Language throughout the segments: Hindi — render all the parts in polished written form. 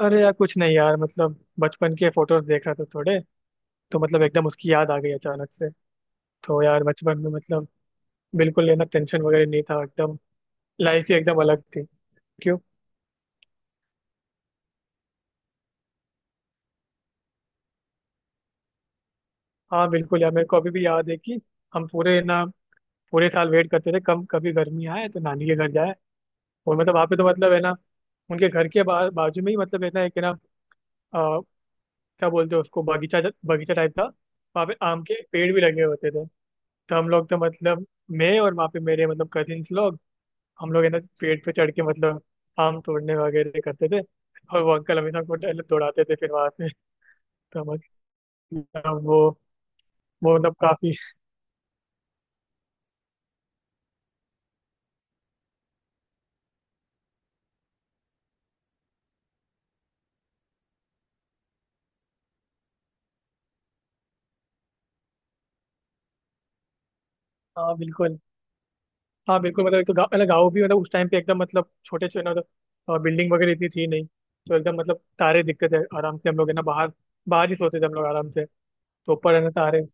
अरे यार कुछ नहीं यार। बचपन के फोटोज देख रहा था थोड़े। तो एकदम उसकी याद आ गई अचानक से। तो यार बचपन में बिल्कुल ये ना टेंशन वगैरह नहीं था एकदम। लाइफ ही एकदम अलग थी। क्यों? हाँ बिल्कुल यार, मेरे को अभी भी याद है कि हम पूरे ना, पूरे साल वेट करते थे कम कभी गर्मी आए तो नानी के घर जाए। और वहाँ पे तो है ना, उनके घर के बाजू में ही है ना, एक है ना, अ, क्या बोलते हैं उसको, बगीचा। बगीचा टाइप था। वहाँ पे आम के पेड़ भी लगे होते थे। तो हम लोग तो मतलब, मैं और वहाँ पे मेरे कजिन्स लोग, हम लोग है ना पेड़ पे चढ़ के आम तोड़ने वगैरह करते थे। और वो अंकल हमेशा हमको दौड़ाते थे फिर वहां से। तो हम, अब वो, वो काफी। हाँ बिल्कुल। हाँ बिल्कुल। एक तो गाँव, गाँव भी उस टाइम पे एकदम छोटे छोटे बिल्डिंग वगैरह इतनी थी नहीं। तो एकदम तारे दिखते थे आराम से। हम लोग है ना बाहर, बाहर ही सोते थे हम लोग आराम से। तो ऊपर है ना तारे।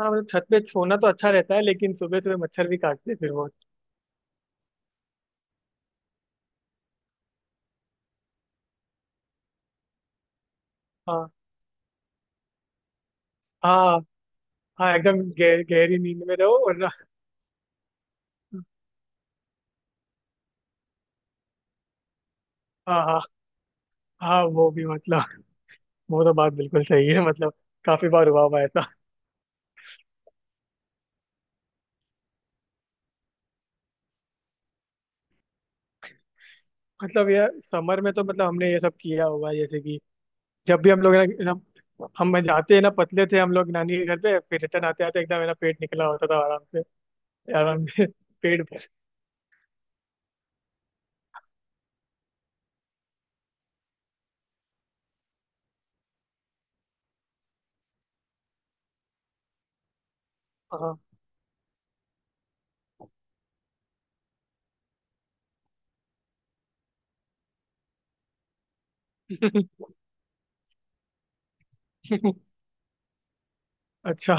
हाँ छत पे सोना तो अच्छा रहता है लेकिन सुबह सुबह मच्छर भी काटते हैं फिर वो। हाँ हाँ हाँ, एकदम गहरी नींद में रहो और ना-। हाँ हाँ हाँ। वो भी, वो तो बात बिल्कुल सही है काफी बार हुआ हुआ है ऐसा। ये समर में तो हमने ये सब किया होगा जैसे कि जब भी हम लोग है ना ना- हम जाते हैं ना पतले थे हम लोग नानी के घर पे, फिर रिटर्न आते आते एकदम है ना पेट निकला होता था आराम से। आराम से पेट भर। हाँ। अच्छा।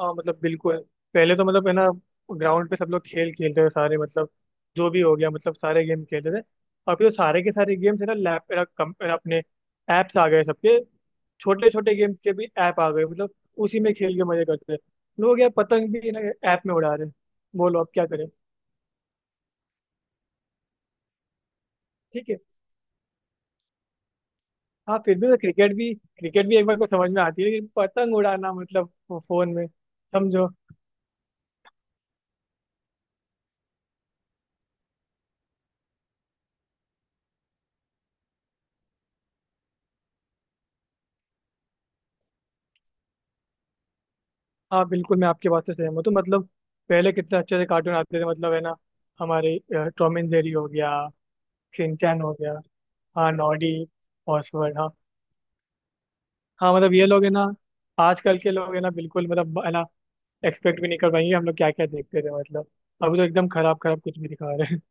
हाँ बिल्कुल। पहले तो है ना ग्राउंड पे सब लोग खेल खेलते थे सारे, जो भी हो गया सारे गेम खेलते थे। अभी तो सारे के सारे गेम्स है ना, लैप है ना, कम है ना, अपने ऐप्स आ गए सबके। छोटे छोटे गेम्स के भी ऐप आ गए उसी में खेल के मजे करते हैं लोग। यार पतंग भी ना ऐप में उड़ा रहे हैं। बोलो अब क्या करें। ठीक है। हाँ फिर भी तो क्रिकेट भी, क्रिकेट भी एक बार को समझ में आती है लेकिन पतंग उड़ाना फोन में समझो। हाँ बिल्कुल, मैं आपकी बात से सहमत हूँ। तो पहले कितने अच्छे से कार्टून आते थे है ना, हमारे टॉम एंड जेरी हो गया, शिनचैन हो गया, हाँ नॉडी, ऑसवर्ड, हाँ। हाँ ये लोग है ना, आजकल के लोग है ना बिल्कुल है ना एक्सपेक्ट भी नहीं कर पाएंगे हम लोग क्या क्या देखते थे मतलब। अभी तो एकदम खराब खराब कुछ भी दिखा रहे हैं।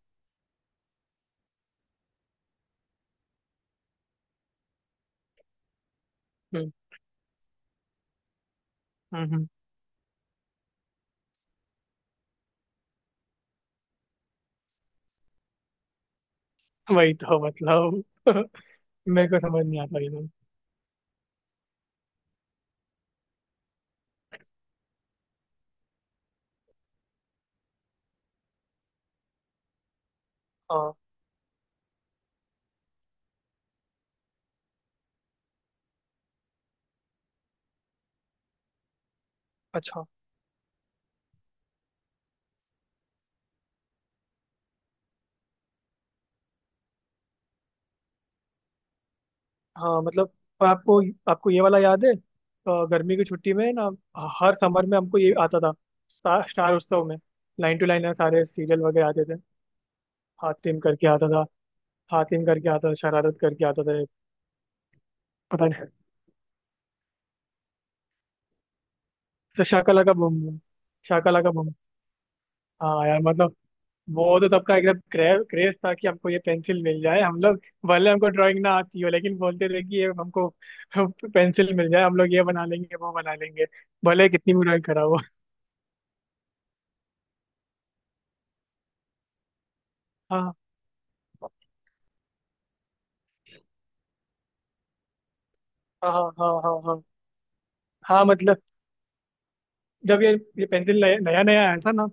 हम्म। हम्म, हम्म, वही तो मतलब। मेरे को समझ नहीं आता ये लोग। हाँ। अच्छा। हाँ मतलब। और आपको, आपको ये वाला याद है गर्मी की छुट्टी में ना, हर समर में हमको ये आता था, स्टार उत्सव में, लाइन टू लाइन सारे सीरियल वगैरह आते थे। हातिम करके आता था, हातिम करके आता था, शरारत करके आता था। पता नहीं। तो शाकाला का बम बम, शाकाला का बम। हाँ यार वो तो तब का एकदम क्रेज क्रेज था कि हमको ये पेंसिल मिल जाए। हम लोग भले हमको ड्राइंग ना आती हो लेकिन बोलते थे कि ये हमको पेंसिल मिल जाए हम लोग ये बना लेंगे वो बना लेंगे भले कितनी भी ड्राइंग खराब हो। हाँ हाँ हाँ हाँ हाँ हाँ। हाँ मतलब, जब ये पेंसिल नया नया आया था ना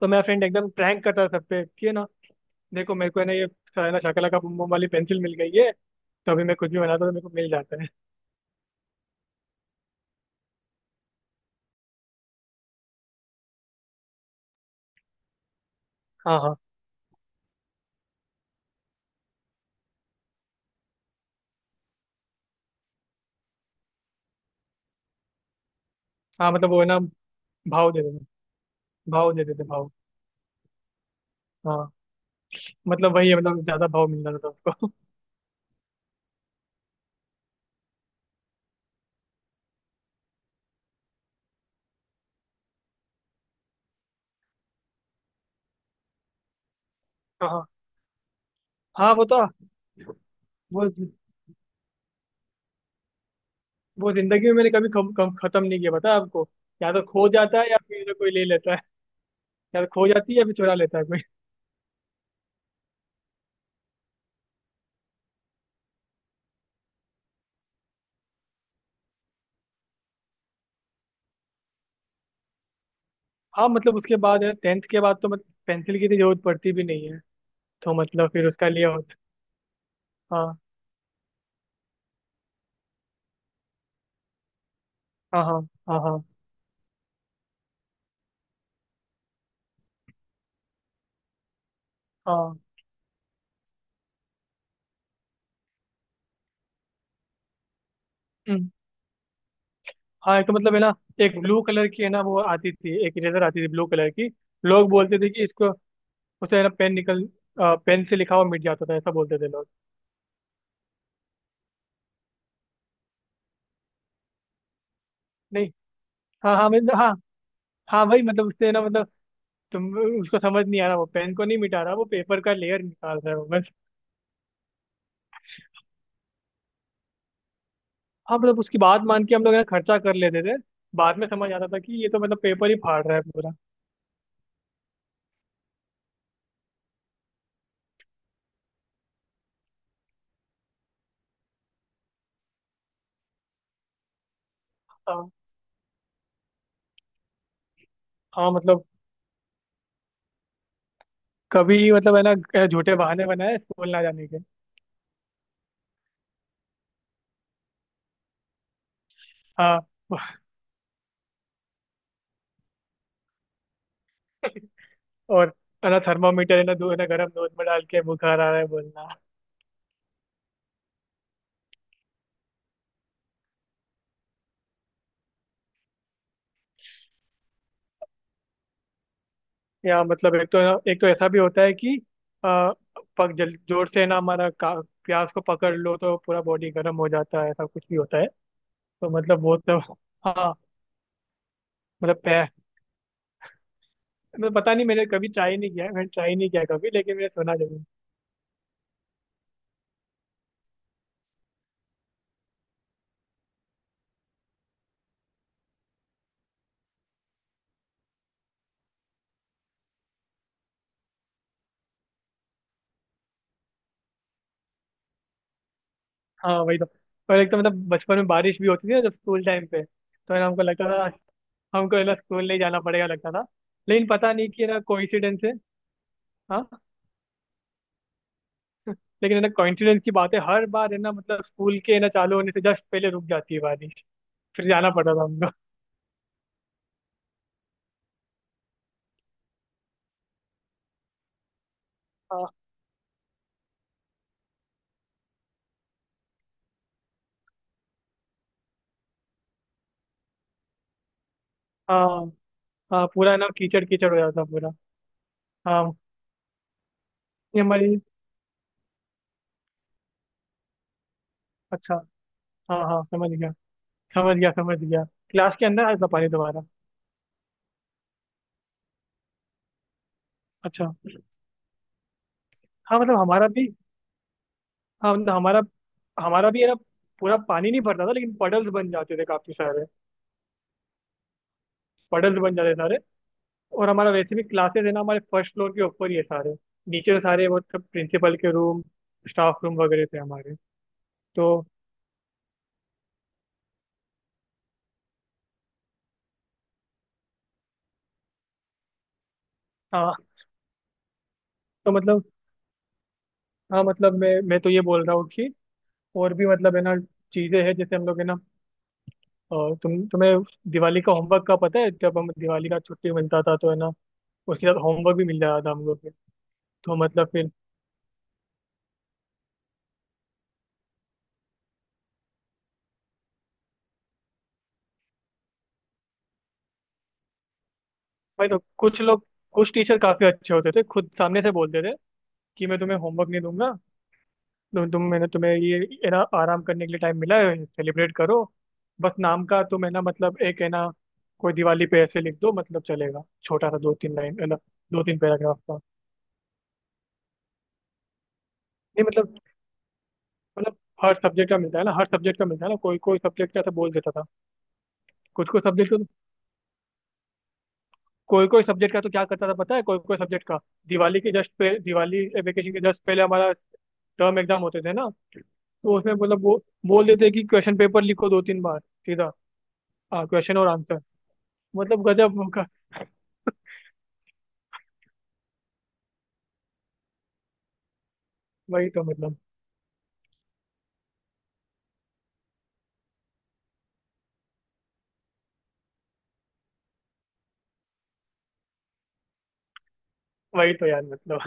तो मेरा फ्रेंड एकदम प्रैंक करता था सब पे कि है ना, देखो मेरे को है ना ये, है ना शकला का बम बम वाली पेंसिल मिल गई है, तो अभी मैं कुछ भी बनाता हूँ तो मेरे को मिल जाता है। हाँ हाँ हाँ वो है ना भाव दे देते थे, भाव दे देते थे, भाव। हाँ वही है ज्यादा भाव मिल जाता था उसको। हाँ। हाँ हाँ, वो तो। वो वो जिंदगी में मैंने कभी कम खत्म नहीं किया पता है आपको, या तो खो जाता है या फिर कोई ले लेता है। या तो खो जाती है या फिर चुरा लेता है कोई। हाँ उसके बाद है टेंथ के बाद तो पेंसिल की इतनी जरूरत पड़ती भी नहीं है, तो फिर उसका लिया होता। हाँ हाँ हाँ हाँ हाँ हाँ। हम्म। हाँ एक तो है ना, एक ब्लू कलर की है ना वो आती थी, एक इरेजर आती थी ब्लू कलर की। लोग बोलते थे कि इसको, उसे है ना पेन निकल, पेन से लिखा हुआ मिट जाता था, ऐसा बोलते थे लोग। नहीं, हाँ हाँ हाँ। हाँ भाई उससे है ना तुम, उसको समझ नहीं आ रहा, वो पेन को नहीं मिटा रहा, वो पेपर का लेयर निकाल रहा है वो बस। हाँ उसकी बात मान के हम लोग है ना खर्चा कर लेते थे, बाद में समझ आता था कि ये तो पेपर ही फाड़ रहा है पूरा। हाँ। हाँ, कभी है ना, झूठे बहाने बनाए स्कूल ना जाने के। हाँ। और है ना थर्मामीटर है ना दूध है ना गर्म दूध में डाल के बुखार आ रहा है बोलना। या एक तो है ना, एक तो ऐसा भी होता है कि आ, पक जल जोर से ना हमारा प्यास को पकड़ लो तो पूरा बॉडी गर्म हो जाता है, ऐसा कुछ भी होता है। तो वो तो। हाँ पै मैं पता नहीं, मैंने कभी ट्राई नहीं किया है, मैंने ट्राई नहीं किया कभी, लेकिन मैंने सुना जरूर। हाँ वही तो। और एक तो बचपन में बारिश भी होती थी ना, जब स्कूल टाइम पे तो है ना हमको लगता था, हमको है ना स्कूल नहीं जाना पड़ेगा लगता था, लेकिन पता नहीं कि है ना कोइंसिडेंस है। हाँ। लेकिन है ना कोइंसिडेंस की बात है हर बार है ना स्कूल के है ना चालू होने से जस्ट पहले रुक जाती है बारिश। फिर जाना पड़ता था हमको। हाँ। हाँ हाँ, पूरा है ना कीचड़ कीचड़ हो जाता पूरा। हाँ। ये हमारी। अच्छा। हाँ हाँ समझ गया, समझ गया, समझ गया। क्लास के अंदर आता पानी दोबारा। अच्छा। हाँ हमारा भी, हाँ हमारा, हमारा भी है ना पूरा पानी नहीं भरता था लेकिन पडल्स बन जाते थे काफी सारे। पडल्स बन जाते सारे। और हमारा वैसे भी क्लासेस है ना हमारे फर्स्ट फ्लोर के ऊपर ही है सारे। नीचे तो सारे प्रिंसिपल के रूम, स्टाफ रूम वगैरह थे हमारे। तो हाँ। तो हाँ मैं तो ये बोल रहा हूँ कि और भी है ना चीज़ें हैं जैसे हम लोग है ना, तुम्हें दिवाली का होमवर्क का पता है? जब हम दिवाली का छुट्टी मिलता था तो है ना उसके साथ होमवर्क भी मिल जाता था हम लोग को। तो फिर, भाई तो कुछ लोग, कुछ टीचर काफी अच्छे होते थे, खुद सामने से बोलते थे कि मैं तुम्हें होमवर्क नहीं दूंगा, तुम मैंने तुम्हें ये, है ना आराम करने के लिए टाइम मिला है सेलिब्रेट करो। बस नाम का तुम है ना एक है ना, कोई दिवाली पे ऐसे लिख दो चलेगा, छोटा सा दो तीन लाइन है ना, दो तीन पैराग्राफ का। नहीं मतलब, मतलब, हर सब्जेक्ट का मिलता है ना, हर सब्जेक्ट का मिलता है ना, कोई कोई सब्जेक्ट का तो बोल देता था। कुछ कुछ सब्जेक्ट को, कोई कोई सब्जेक्ट का तो क्या करता था पता है? कोई कोई सब्जेक्ट का, दिवाली वेकेशन के जस्ट पहले हमारा टर्म एग्जाम होते थे ना, तो उसमें वो बोल देते कि क्वेश्चन पेपर लिखो दो तीन बार सीधा, क्वेश्चन और आंसर। गजब। वही तो मतलब। वही तो यार मतलब।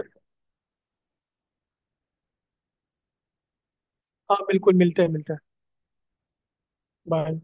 हाँ बिल्कुल, मिलते हैं मिलते हैं। बाय।